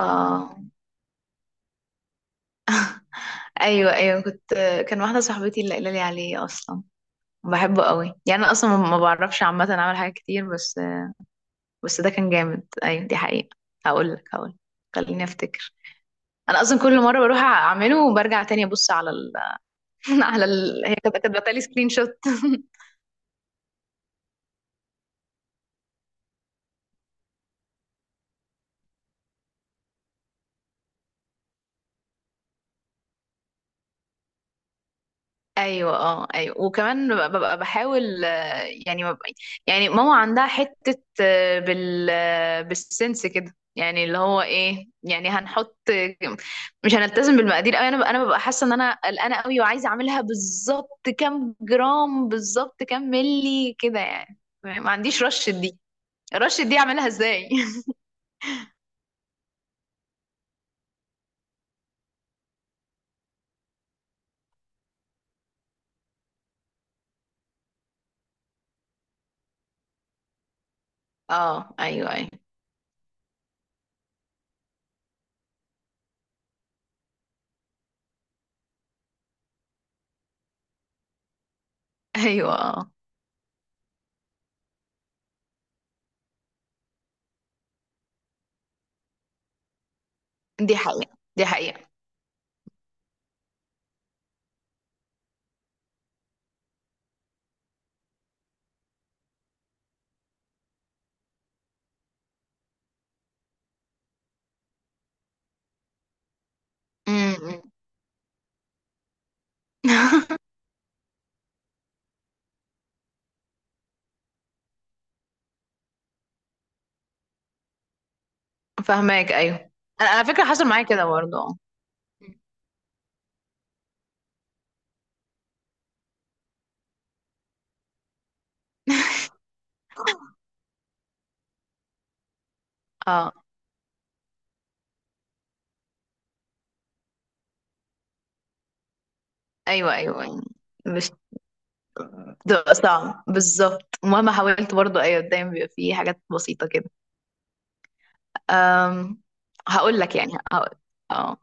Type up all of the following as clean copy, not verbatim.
اه، ايوه، ايوه، كان واحده صاحبتي اللي قايله لي عليه اصلا. بحبه قوي، يعني انا اصلا ما بعرفش، عامه اعمل حاجات كتير، بس ده كان جامد، ايوه دي حقيقه. هقول لك. خليني افتكر، انا اصلا كل مره بروح اعمله وبرجع تاني ابص على ال... على ال... هي كانت كاتبه لي سكرين شوت. ايوه، اه، ايوه، وكمان ببقى بحاول، يعني ببقى، يعني ماما عندها حته، بال بالسنس كده، يعني اللي هو ايه، يعني هنحط، مش هنلتزم بالمقادير قوي. انا ببقى حاسه ان انا قلقانه قوي وعايزه اعملها بالظبط كام جرام بالظبط كام ملي كده يعني. ما عنديش رش دي، رش دي اعملها ازاي؟ اه، ايوه، ايوه، ايوه، اه، دي حقيقه دي حقيقه. امم فاهماك، ايوه. انا على فكره حصل معايا كده برضه، آه. اه، ايوه، ايوه، يعني مش بتبقى صعب بالظبط مهما حاولت برضه، ايوه دايما بيبقى فيه حاجات بسيطة كده. أم... هقول لك يعني هقول اه،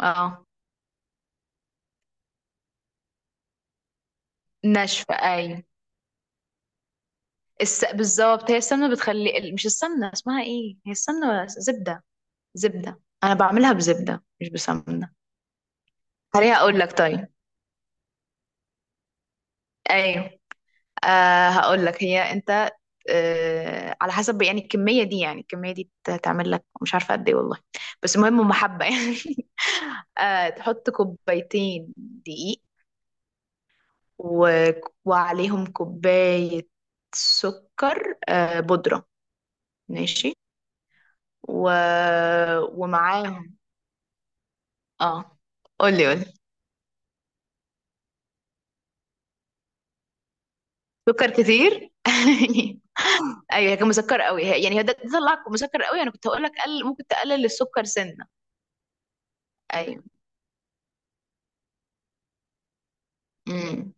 اه، ناشفة ايوه. بالظبط هي السمنة بتخلي ال- مش السمنة اسمها ايه، هي السمنة زبدة، زبدة، انا بعملها بزبدة مش بسمنة. خليها اقول لك طيب. ايوه. هقول لك، هي انت، على حسب يعني. الكمية دي، يعني الكمية دي، تعمل لك مش عارفة قد ايه والله، بس المهم هم حبة يعني. تحط كوبايتين دقيق، و... وعليهم كوباية سكر بودرة، ماشي، و... ومعاهم، اه. قولي قولي. سكر كتير؟ ايوه، هي كان مسكر قوي، يعني هي ده طلع مسكر قوي. انا كنت هقول لك قل، ممكن تقلل السكر سنة ايوه، امم،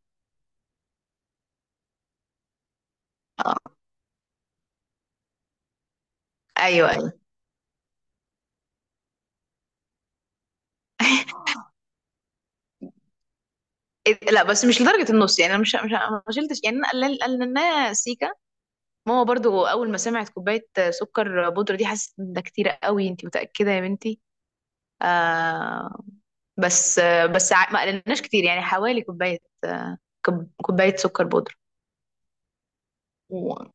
ايوه، ايوه. لا، بس مش لدرجه النص يعني، انا مش ما شلتش، يعني انا قللناها سيكا. ماما برضو اول ما سمعت كوبايه سكر بودره دي حست ان ده كتير قوي، انت متاكده يا بنتي؟ آه. بس ما قللناش كتير، يعني حوالي كوبايه، آه كوبايه سكر بودره. وما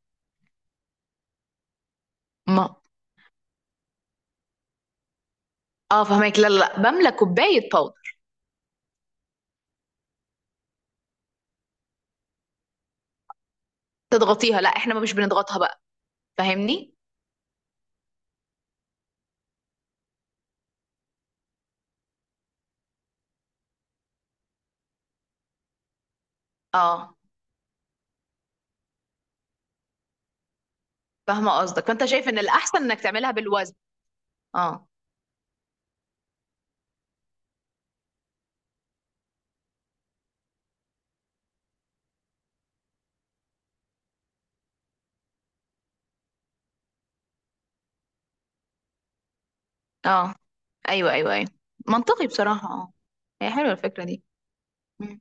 اه فهمك، لا، لا، لا، بملى كوبايه باودر. تضغطيها؟ لا احنا مش بنضغطها بقى، فاهمني. اه. فاهمه قصدك، فانت شايف ان الاحسن انك تعملها بالوزن. اه، اه، ايوه، ايوه، ايوه، منطقي بصراحه، اه. هي حلوه الفكره دي. مم.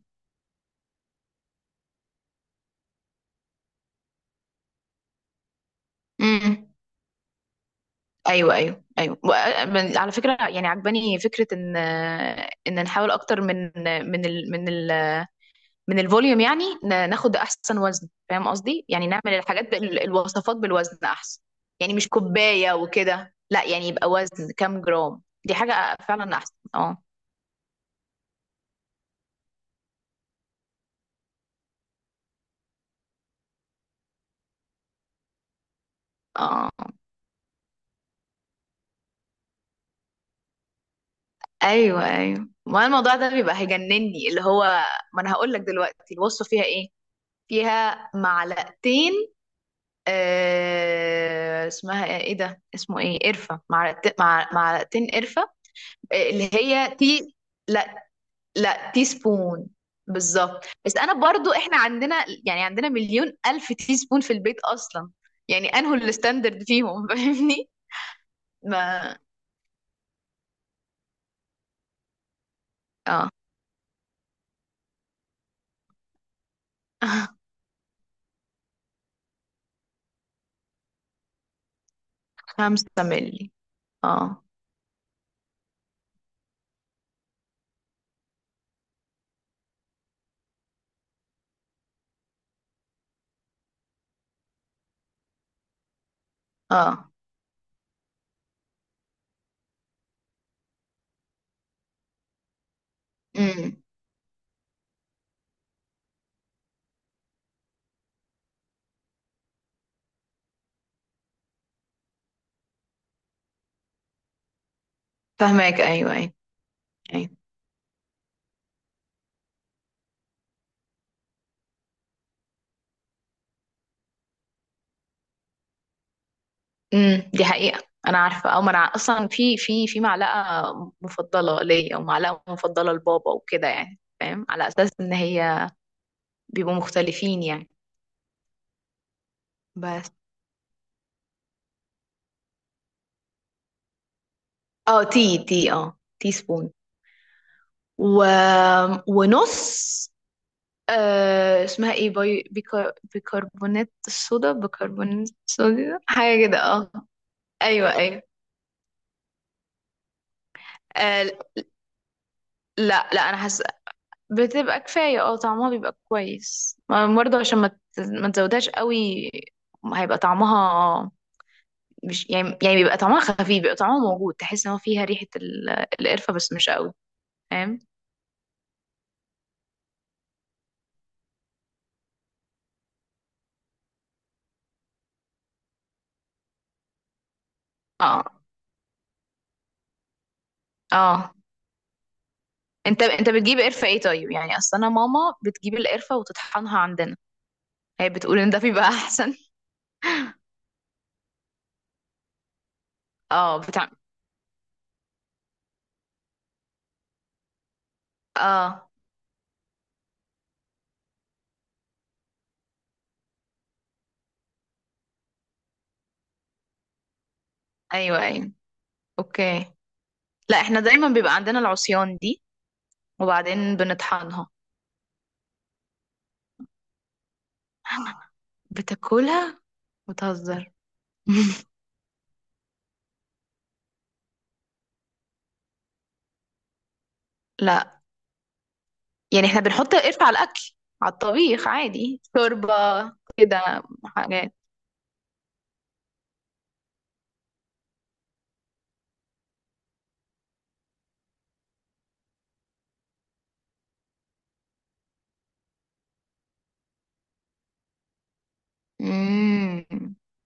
مم. ايوه، ايوه، ايوه، على فكره يعني، عجباني فكره ان، ان نحاول اكتر من ال من ال من الفوليوم، يعني ناخد احسن وزن، فاهم قصدي، يعني نعمل الحاجات الوصفات بالوزن احسن، يعني مش كوبايه وكده لا، يعني يبقى وزن كام جرام، دي حاجه فعلا احسن، اه. اه، ايوه، ايوه. ما الموضوع ده بيبقى هيجنني اللي هو. ما انا هقول لك دلوقتي الوصفه فيها ايه. فيها معلقتين، آه اسمها ايه إيه ده اسمه ايه قرفة. معلقتين قرفة. اللي هي لا، لا، تي سبون. بالظبط. بس انا برضو احنا عندنا، يعني عندنا مليون الف تي سبون في البيت اصلا، يعني انهوا الستاندرد فيهم؟ فاهمني. ما اه خمسة ملي. اه، اه، امم. فاهمك، ايوه، ايوه، أيوة. امم، دي حقيقة انا عارفة، او ما انا اصلا في معلقة مفضلة ليا ومعلقة مفضلة لبابا وكده يعني، فاهم، على اساس ان هي بيبقوا مختلفين يعني. بس اه، تي سبون. و... ونص. آه اسمها ايه، بيكربونات الصودا، حاجة كده اه. ايوه، ايوه، آه، لا، لا، انا بتبقى كفاية، اه، طعمها بيبقى كويس، برضه عشان ما ما تزودهاش قوي، هيبقى طعمها، مش يعني، بيبقى طعمها خفيف، بيبقى طعمها موجود، تحس ان هو فيها ريحة القرفة بس مش قوي، فاهم. اه، اه، انت بتجيب قرفة ايه طيب يعني؟ اصل انا ماما بتجيب القرفة وتطحنها عندنا، هي بتقول ان ده بيبقى احسن. اه، بتاع. اه، ايوه، ايوه، اوكي. لا احنا دايما بيبقى عندنا العصيان دي، وبعدين بنطحنها. بتاكلها؟ بتهزر. لا، يعني احنا بنحط القرفة على الأكل، على الطبيخ عادي، شوربة، كده حاجات. امم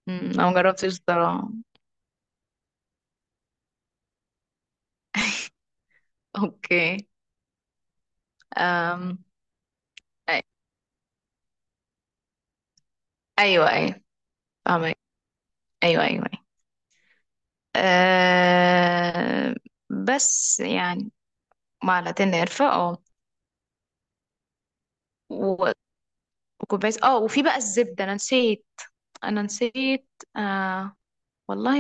أمم، أنا مجربتش الصراحة. اوكي. أم. أي- ايوه، ايوه. فاهمك، ايوه، ايوه، ايوه. أه... بس يعني، معلقتين قرفة، اه، و- وكوباية، اه، وفي بقى الزبدة، انا نسيت، انا نسيت، آه، والله،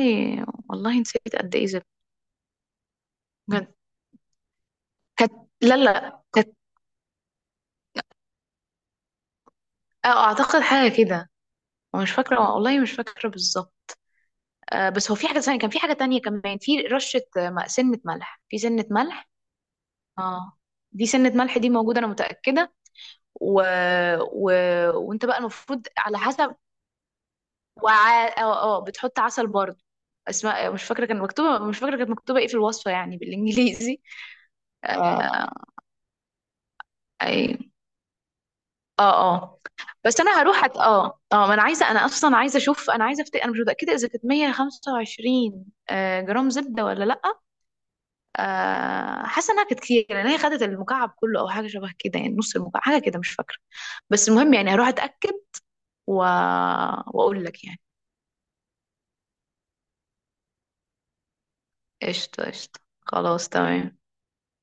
والله نسيت قد ايه زبدة، بجد. كانت، لا، لا، اه، اعتقد حاجه كده. هو مش فاكره والله، مش فاكره بالظبط. بس هو في حاجه ثانيه، كان في حاجه تانية كمان، في رشه، سنه ملح، في سنه ملح. اه، دي سنه ملح دي موجوده انا متاكده. و... و... وانت بقى المفروض على حسب. وع... اه اه، بتحط عسل برضه. اسماء مش فاكره كان مكتوبه، مش فاكره كانت مكتوبه ايه في الوصفه يعني بالانجليزي. آه. آه، اه، اه، بس انا هروح أت... اه اه، ما انا عايزه، انا اصلا عايزه اشوف، انا عايزه انا مش متاكده اذا كانت 125 جرام زبده ولا لا. حاسه انها كانت كتير، لان هي خدت المكعب كله او حاجه شبه كده، يعني نص المكعب حاجه كده مش فاكره، بس المهم يعني هروح اتاكد و... واقول لك يعني. قشطه، قشطه، خلاص، تمام.